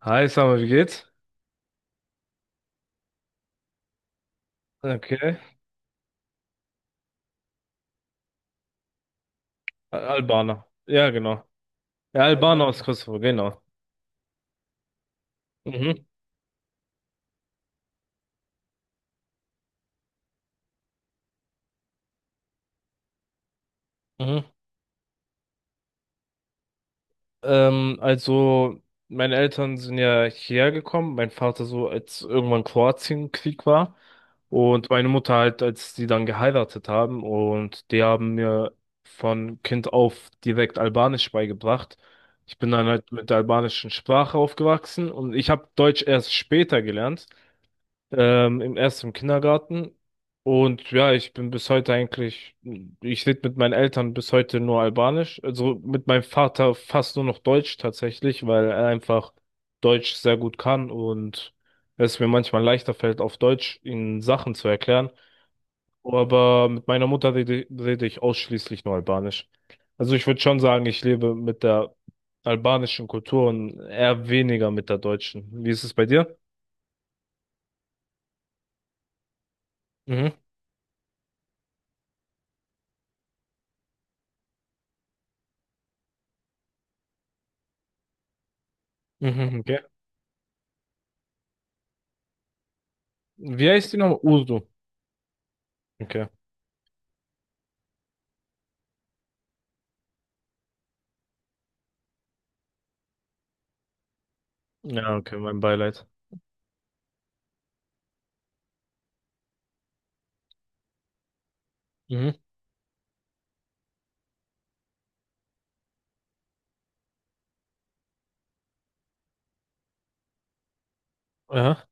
Hi, Summer, wie geht's? Okay. Albaner. Ja, genau. Ja, Albaner aus Kosovo, genau. Mhm, mhm. Also, meine Eltern sind ja hierher gekommen. Mein Vater so, als irgendwann Kroatienkrieg war. Und meine Mutter halt, als die dann geheiratet haben. Und die haben mir von Kind auf direkt Albanisch beigebracht. Ich bin dann halt mit der albanischen Sprache aufgewachsen. Und ich habe Deutsch erst später gelernt. Im erst im Kindergarten. Und ja, ich bin bis heute eigentlich, ich rede mit meinen Eltern bis heute nur Albanisch. Also mit meinem Vater fast nur noch Deutsch tatsächlich, weil er einfach Deutsch sehr gut kann und es mir manchmal leichter fällt, auf Deutsch ihnen Sachen zu erklären. Aber mit meiner Mutter rede ich ausschließlich nur Albanisch. Also ich würde schon sagen, ich lebe mit der albanischen Kultur und eher weniger mit der deutschen. Wie ist es bei dir? Mhm. Mhm. Wie heißt die nochmal? Urdu. Okay. Ja, okay, mein Beileid. Mhm. Ja.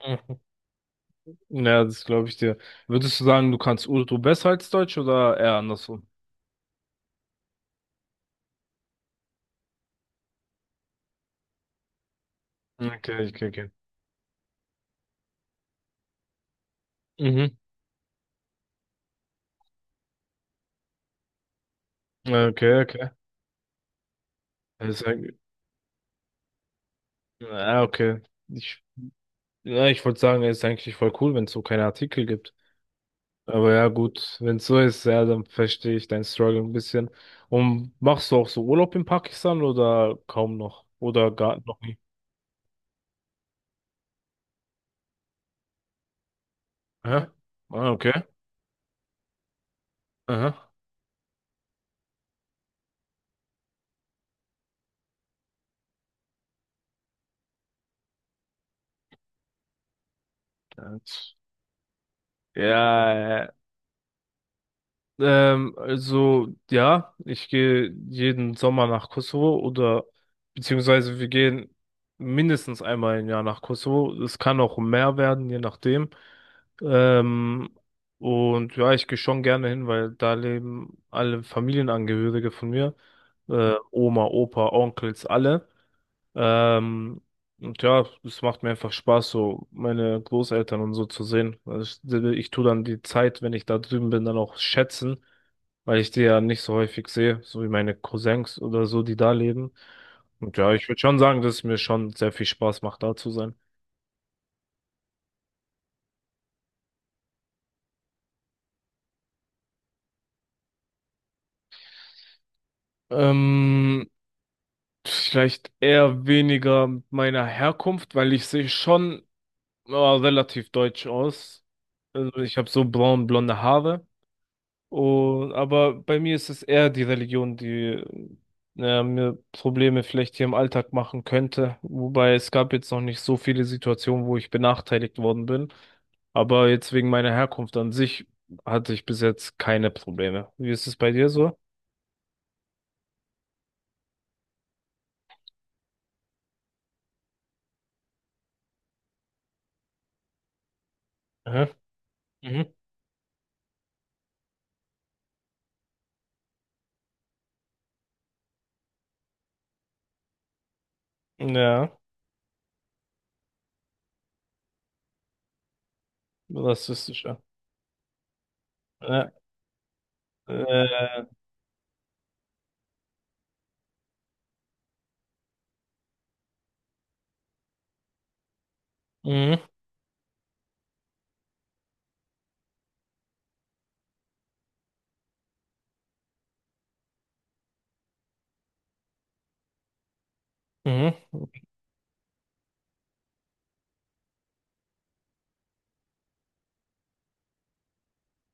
Ja, das glaube ich dir. Würdest du sagen, du kannst Urdu besser als Deutsch oder eher andersrum? Okay, okay, okay. Mhm. Ja, okay, okay. Das ist eigentlich, ja, okay. Ich, ja, ich wollte sagen, es ist eigentlich voll cool, wenn es so keine Artikel gibt. Aber ja, gut, wenn es so ist, ja, dann verstehe ich deinen Struggle ein bisschen. Und machst du auch so Urlaub in Pakistan oder kaum noch? Oder gar noch nie? Aha. Ah, okay. Aha. Ja, ja. Also ja, ich gehe jeden Sommer nach Kosovo oder beziehungsweise wir gehen mindestens einmal im Jahr nach Kosovo. Es kann auch mehr werden, je nachdem. Ähm, und ja, ich gehe schon gerne hin, weil da leben alle Familienangehörige von mir. Oma, Opa, Onkels, alle. Ähm, und ja, es macht mir einfach Spaß, so meine Großeltern und so zu sehen. Also ich tue dann die Zeit, wenn ich da drüben bin, dann auch schätzen, weil ich die ja nicht so häufig sehe, so wie meine Cousins oder so, die da leben. Und ja, ich würde schon sagen, dass es mir schon sehr viel Spaß macht, da zu sein. Ähm, vielleicht eher weniger mit meiner Herkunft, weil ich sehe schon relativ deutsch aus. Also ich habe so braun-blonde Haare. Und, aber bei mir ist es eher die Religion, die mir Probleme vielleicht hier im Alltag machen könnte. Wobei es gab jetzt noch nicht so viele Situationen, wo ich benachteiligt worden bin. Aber jetzt wegen meiner Herkunft an sich hatte ich bis jetzt keine Probleme. Wie ist es bei dir so? Aha. Mhm. Ja, rassistischer. Ja. Äh, mhm. Mhm.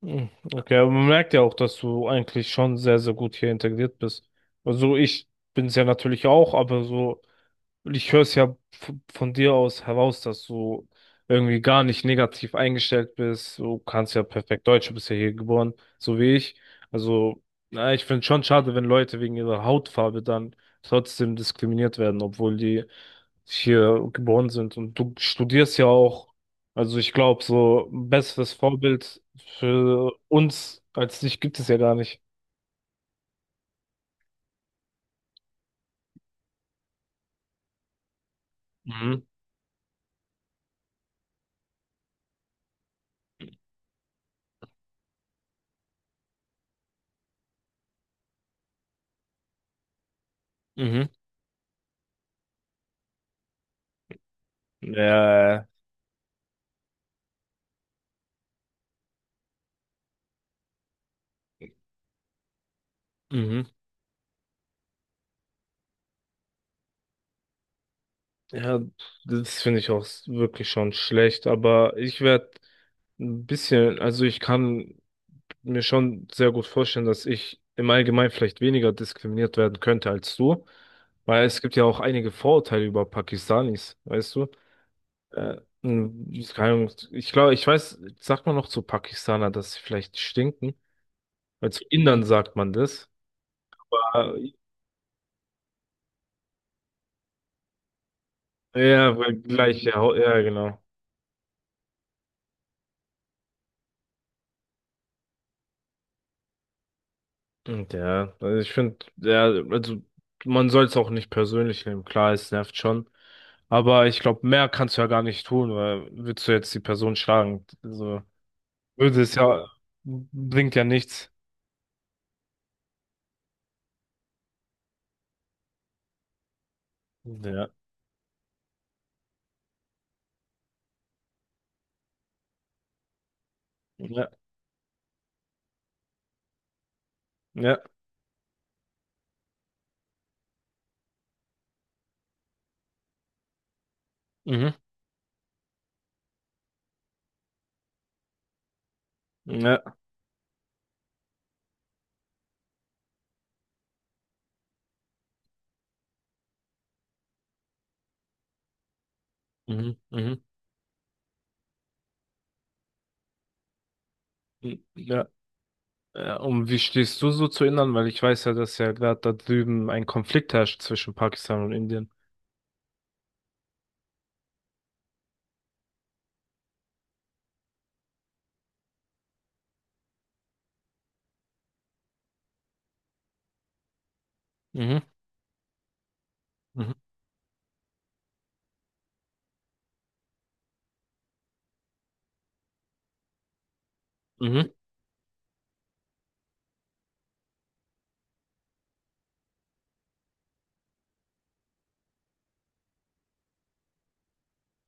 Mhm. Okay, aber man merkt ja auch, dass du eigentlich schon sehr, sehr gut hier integriert bist. Also ich bin es ja natürlich auch, aber so. Ich höre es ja von dir aus heraus, dass du irgendwie gar nicht negativ eingestellt bist. Du kannst ja perfekt Deutsch, du bist ja hier geboren, so wie ich. Also, na, ich finde schon schade, wenn Leute wegen ihrer Hautfarbe dann trotzdem diskriminiert werden, obwohl die hier geboren sind. Und du studierst ja auch, also ich glaube, so ein besseres Vorbild für uns als dich gibt es ja gar nicht. Mhm. Mhm. Ja. Mhm. Ja, das finde ich auch wirklich schon schlecht, aber ich werde ein bisschen, also ich kann mir schon sehr gut vorstellen, dass ich im Allgemeinen vielleicht weniger diskriminiert werden könnte als du, weil es gibt ja auch einige Vorurteile über Pakistanis, weißt du? Äh, ich keine Ahnung, ich glaube, ich weiß, sagt man noch zu Pakistaner, dass sie vielleicht stinken? Weil zu Indern sagt man das. Äh, Ja, weil gleich, ja Haut, ja, genau. Und ja, also ich finde, ja, also man soll es auch nicht persönlich nehmen. Klar, es nervt schon. Aber ich glaube, mehr kannst du ja gar nicht tun, weil willst du jetzt die Person schlagen? Also, würde es ja, bringt ja nichts. Ja, ja, ja, mhm, ja, mhm, mhm, ja. Ja. Und wie stehst du so zu Indern? Weil ich weiß ja, dass ja gerade da drüben ein Konflikt herrscht zwischen Pakistan und Indien. Mhm, mhm, mhm,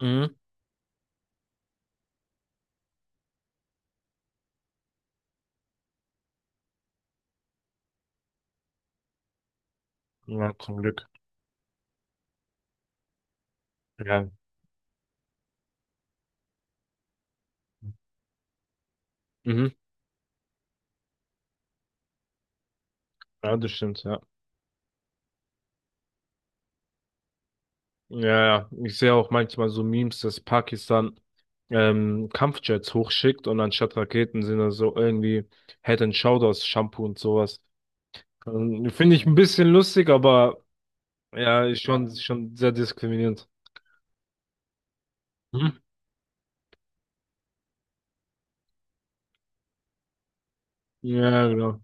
mhm. Ja, zum Glück. Ja, mhm. Ja, das stimmt, ja. Ja, ja, ich sehe auch manchmal so Memes, dass Pakistan Kampfjets hochschickt und anstatt Raketen sind da so irgendwie Head and Shoulders Shampoo und sowas. Finde ich ein bisschen lustig, aber ja, ist schon sehr diskriminierend. Hm? Ja, genau.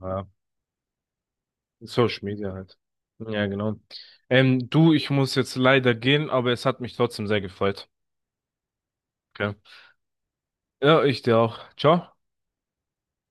Ja. Social Media halt. Ja, genau. Du, ich muss jetzt leider gehen, aber es hat mich trotzdem sehr gefreut. Okay. Ja, ich dir auch. Ciao.